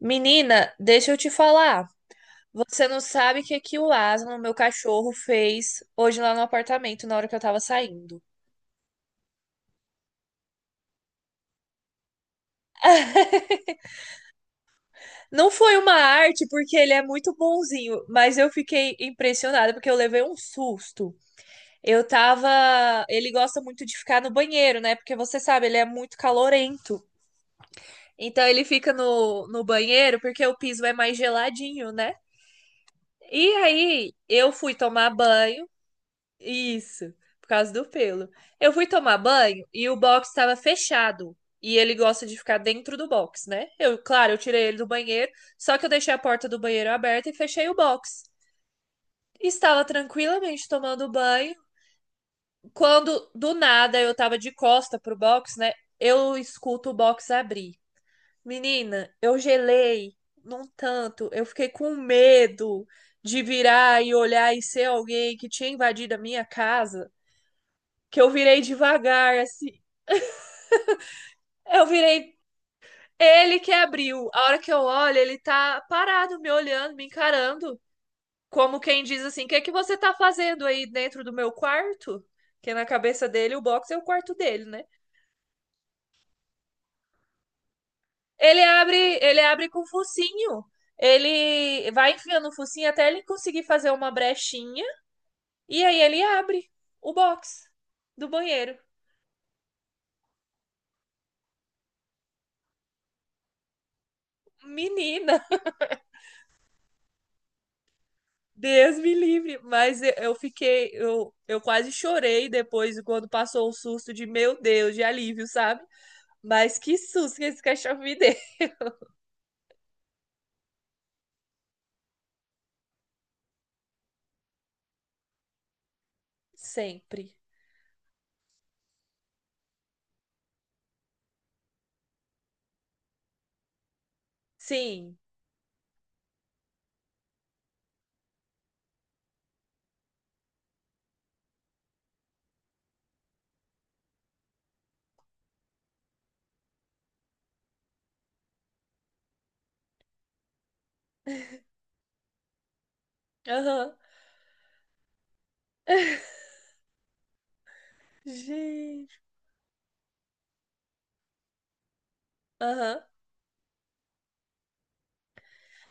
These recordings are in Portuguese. Menina, deixa eu te falar. Você não sabe o que que o Aslan, meu cachorro, fez hoje lá no apartamento na hora que eu tava saindo. Não foi uma arte, porque ele é muito bonzinho, mas eu fiquei impressionada porque eu levei um susto. Eu tava. Ele gosta muito de ficar no banheiro, né? Porque você sabe, ele é muito calorento. Então ele fica no banheiro porque o piso é mais geladinho, né? E aí eu fui tomar banho. Isso, por causa do pelo. Eu fui tomar banho e o box estava fechado. E ele gosta de ficar dentro do box, né? Eu, claro, eu tirei ele do banheiro, só que eu deixei a porta do banheiro aberta e fechei o box. Estava tranquilamente tomando banho, quando do nada eu tava de costa pro box, né? Eu escuto o box abrir. Menina, eu gelei num tanto, eu fiquei com medo de virar e olhar e ser alguém que tinha invadido a minha casa. Que eu virei devagar, assim. Eu virei, ele que abriu. A hora que eu olho, ele tá parado, me olhando, me encarando. Como quem diz assim: o que, é que você tá fazendo aí dentro do meu quarto? Que na cabeça dele, o box é o quarto dele, né? Ele abre com o focinho. Ele vai enfiando o focinho até ele conseguir fazer uma brechinha. E aí ele abre o box do banheiro. Menina, Deus me livre, mas eu fiquei, eu quase chorei depois quando passou o susto de meu Deus, de alívio, sabe? Mas que susto que esse cachorro me deu. Sempre. Sim. Aham. Gente. Aham.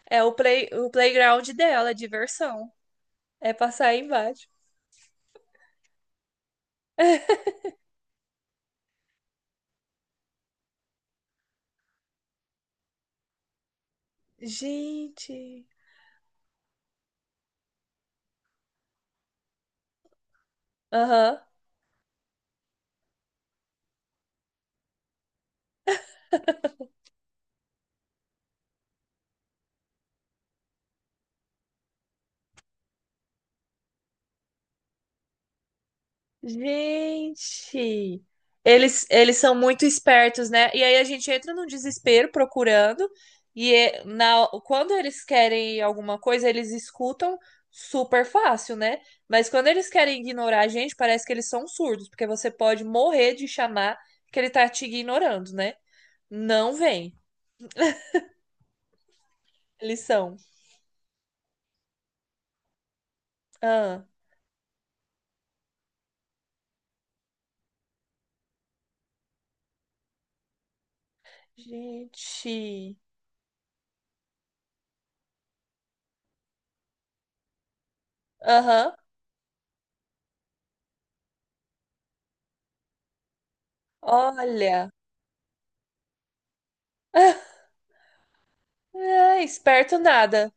É o play, o playground dela, é diversão. É passar aí embaixo. Gente. Aham. Gente, eles são muito espertos, né? E aí a gente entra num desespero procurando, e é- na, quando eles querem alguma coisa, eles escutam super fácil, né? Mas quando eles querem ignorar a gente, parece que eles são surdos, porque você pode morrer de chamar que ele tá te ignorando, né? Não vem. Eles são. Ah, gente. Aham. Olha. É, esperto nada.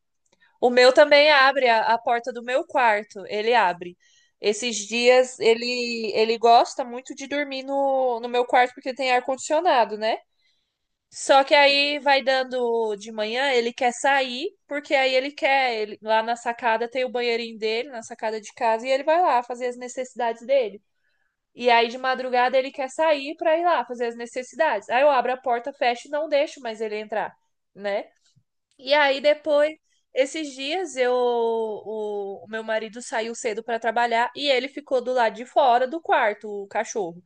O meu também abre, a porta do meu quarto, ele abre. Esses dias ele gosta muito de dormir no meu quarto porque tem ar-condicionado, né? Só que aí vai dando de manhã, ele quer sair, porque aí ele quer, ele- lá na sacada tem o banheirinho dele, na sacada de casa, e ele vai lá fazer as necessidades dele. E aí de madrugada ele quer sair pra ir lá fazer as necessidades. Aí eu abro a porta, fecho e não deixo mais ele entrar, né? E aí depois, esses dias, eu, o meu marido saiu cedo para trabalhar e ele ficou do lado de fora do quarto, o cachorro.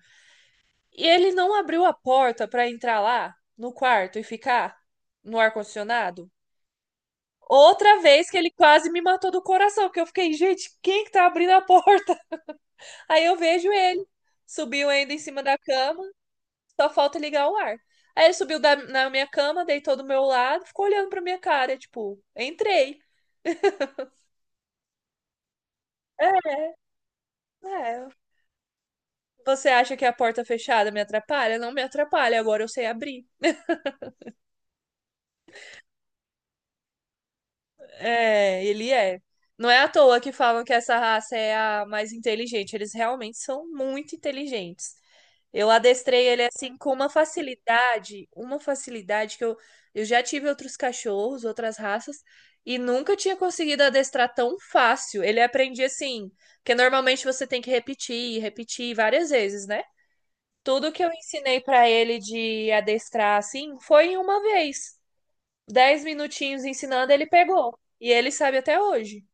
E ele não abriu a porta para entrar lá no quarto e ficar no ar-condicionado. Outra vez que ele quase me matou do coração, que eu fiquei, gente, quem que tá abrindo a porta? Aí eu vejo ele. Subiu ainda em cima da cama, só falta ligar o ar. Aí ele subiu da- na minha cama, deitou do meu lado, ficou olhando pra minha cara, tipo, entrei. É. É, você acha que a porta fechada me atrapalha? Não me atrapalha, agora eu sei abrir. É, ele é. Não é à toa que falam que essa raça é a mais inteligente. Eles realmente são muito inteligentes. Eu adestrei ele assim com uma facilidade que eu já tive outros cachorros, outras raças, e nunca tinha conseguido adestrar tão fácil. Ele aprendia assim, porque normalmente você tem que repetir, repetir várias vezes, né? Tudo que eu ensinei pra ele de adestrar assim foi em uma vez. 10 minutinhos ensinando, ele pegou. E ele sabe até hoje.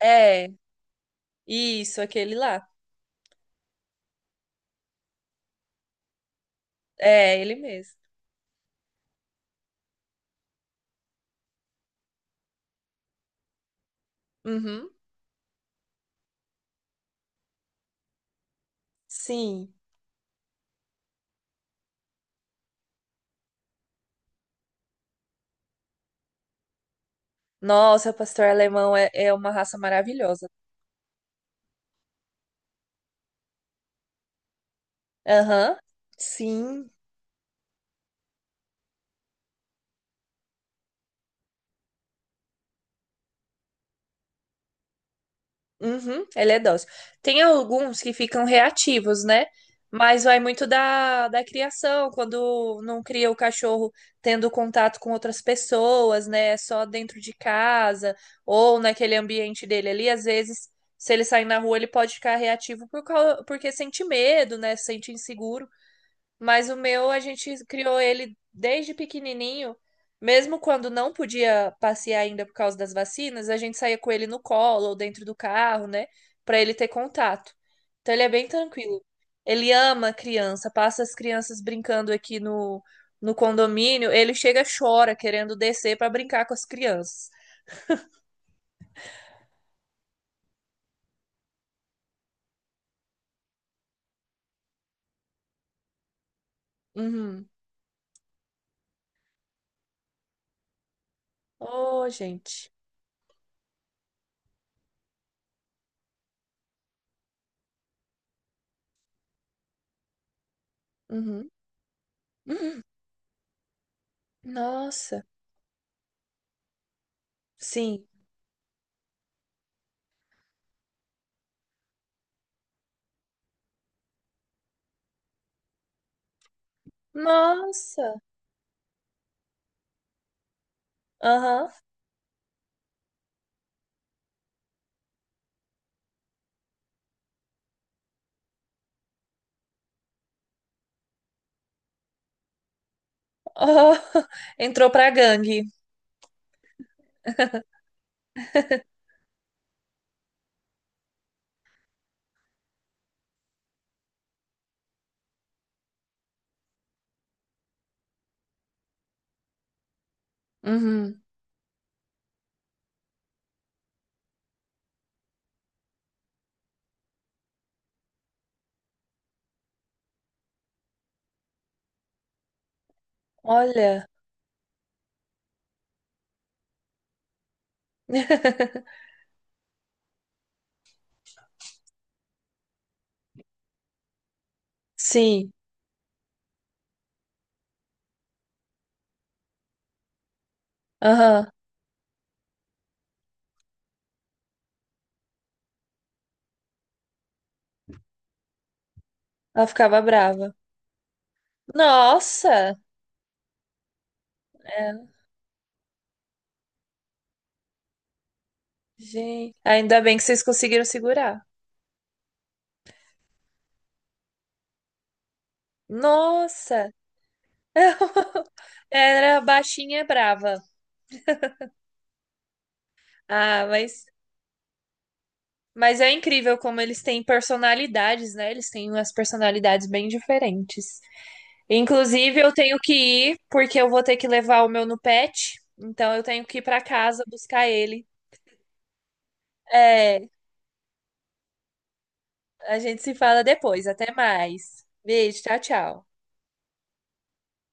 É, isso, aquele lá. É, ele mesmo. Uhum, sim. Nossa, pastor alemão é, é uma raça maravilhosa. Aham, sim. Uhum, ele é dócil. Tem alguns que ficam reativos, né? Mas vai muito da criação, quando não cria o cachorro tendo contato com outras pessoas, né? É só dentro de casa ou naquele ambiente dele ali. Às vezes, se ele sair na rua, ele pode ficar reativo por, cau- porque sente medo, né? Sente inseguro. Mas o meu, a gente criou ele desde pequenininho, mesmo quando não podia passear ainda por causa das vacinas, a gente saía com ele no colo ou dentro do carro, né, pra ele ter contato. Então ele é bem tranquilo. Ele ama criança, passa as crianças brincando aqui no, no condomínio, ele chega, chora querendo descer pra brincar com as crianças. Uhum. Oh, gente. Uhum. Uhum. Nossa. Sim. Nossa. Aham. Oh, entrou pra gangue. Uhum. Olha. Sim. Aham. Ela ficava brava. Nossa! É, gente. Ainda bem que vocês conseguiram segurar. Nossa! Era baixinha e brava. Ah, mas é incrível como eles têm personalidades, né? Eles têm umas personalidades bem diferentes. Inclusive, eu tenho que ir, porque eu vou ter que levar o meu no pet. Então, eu tenho que ir pra casa buscar ele. É. A gente se fala depois. Até mais. Beijo, tchau, tchau.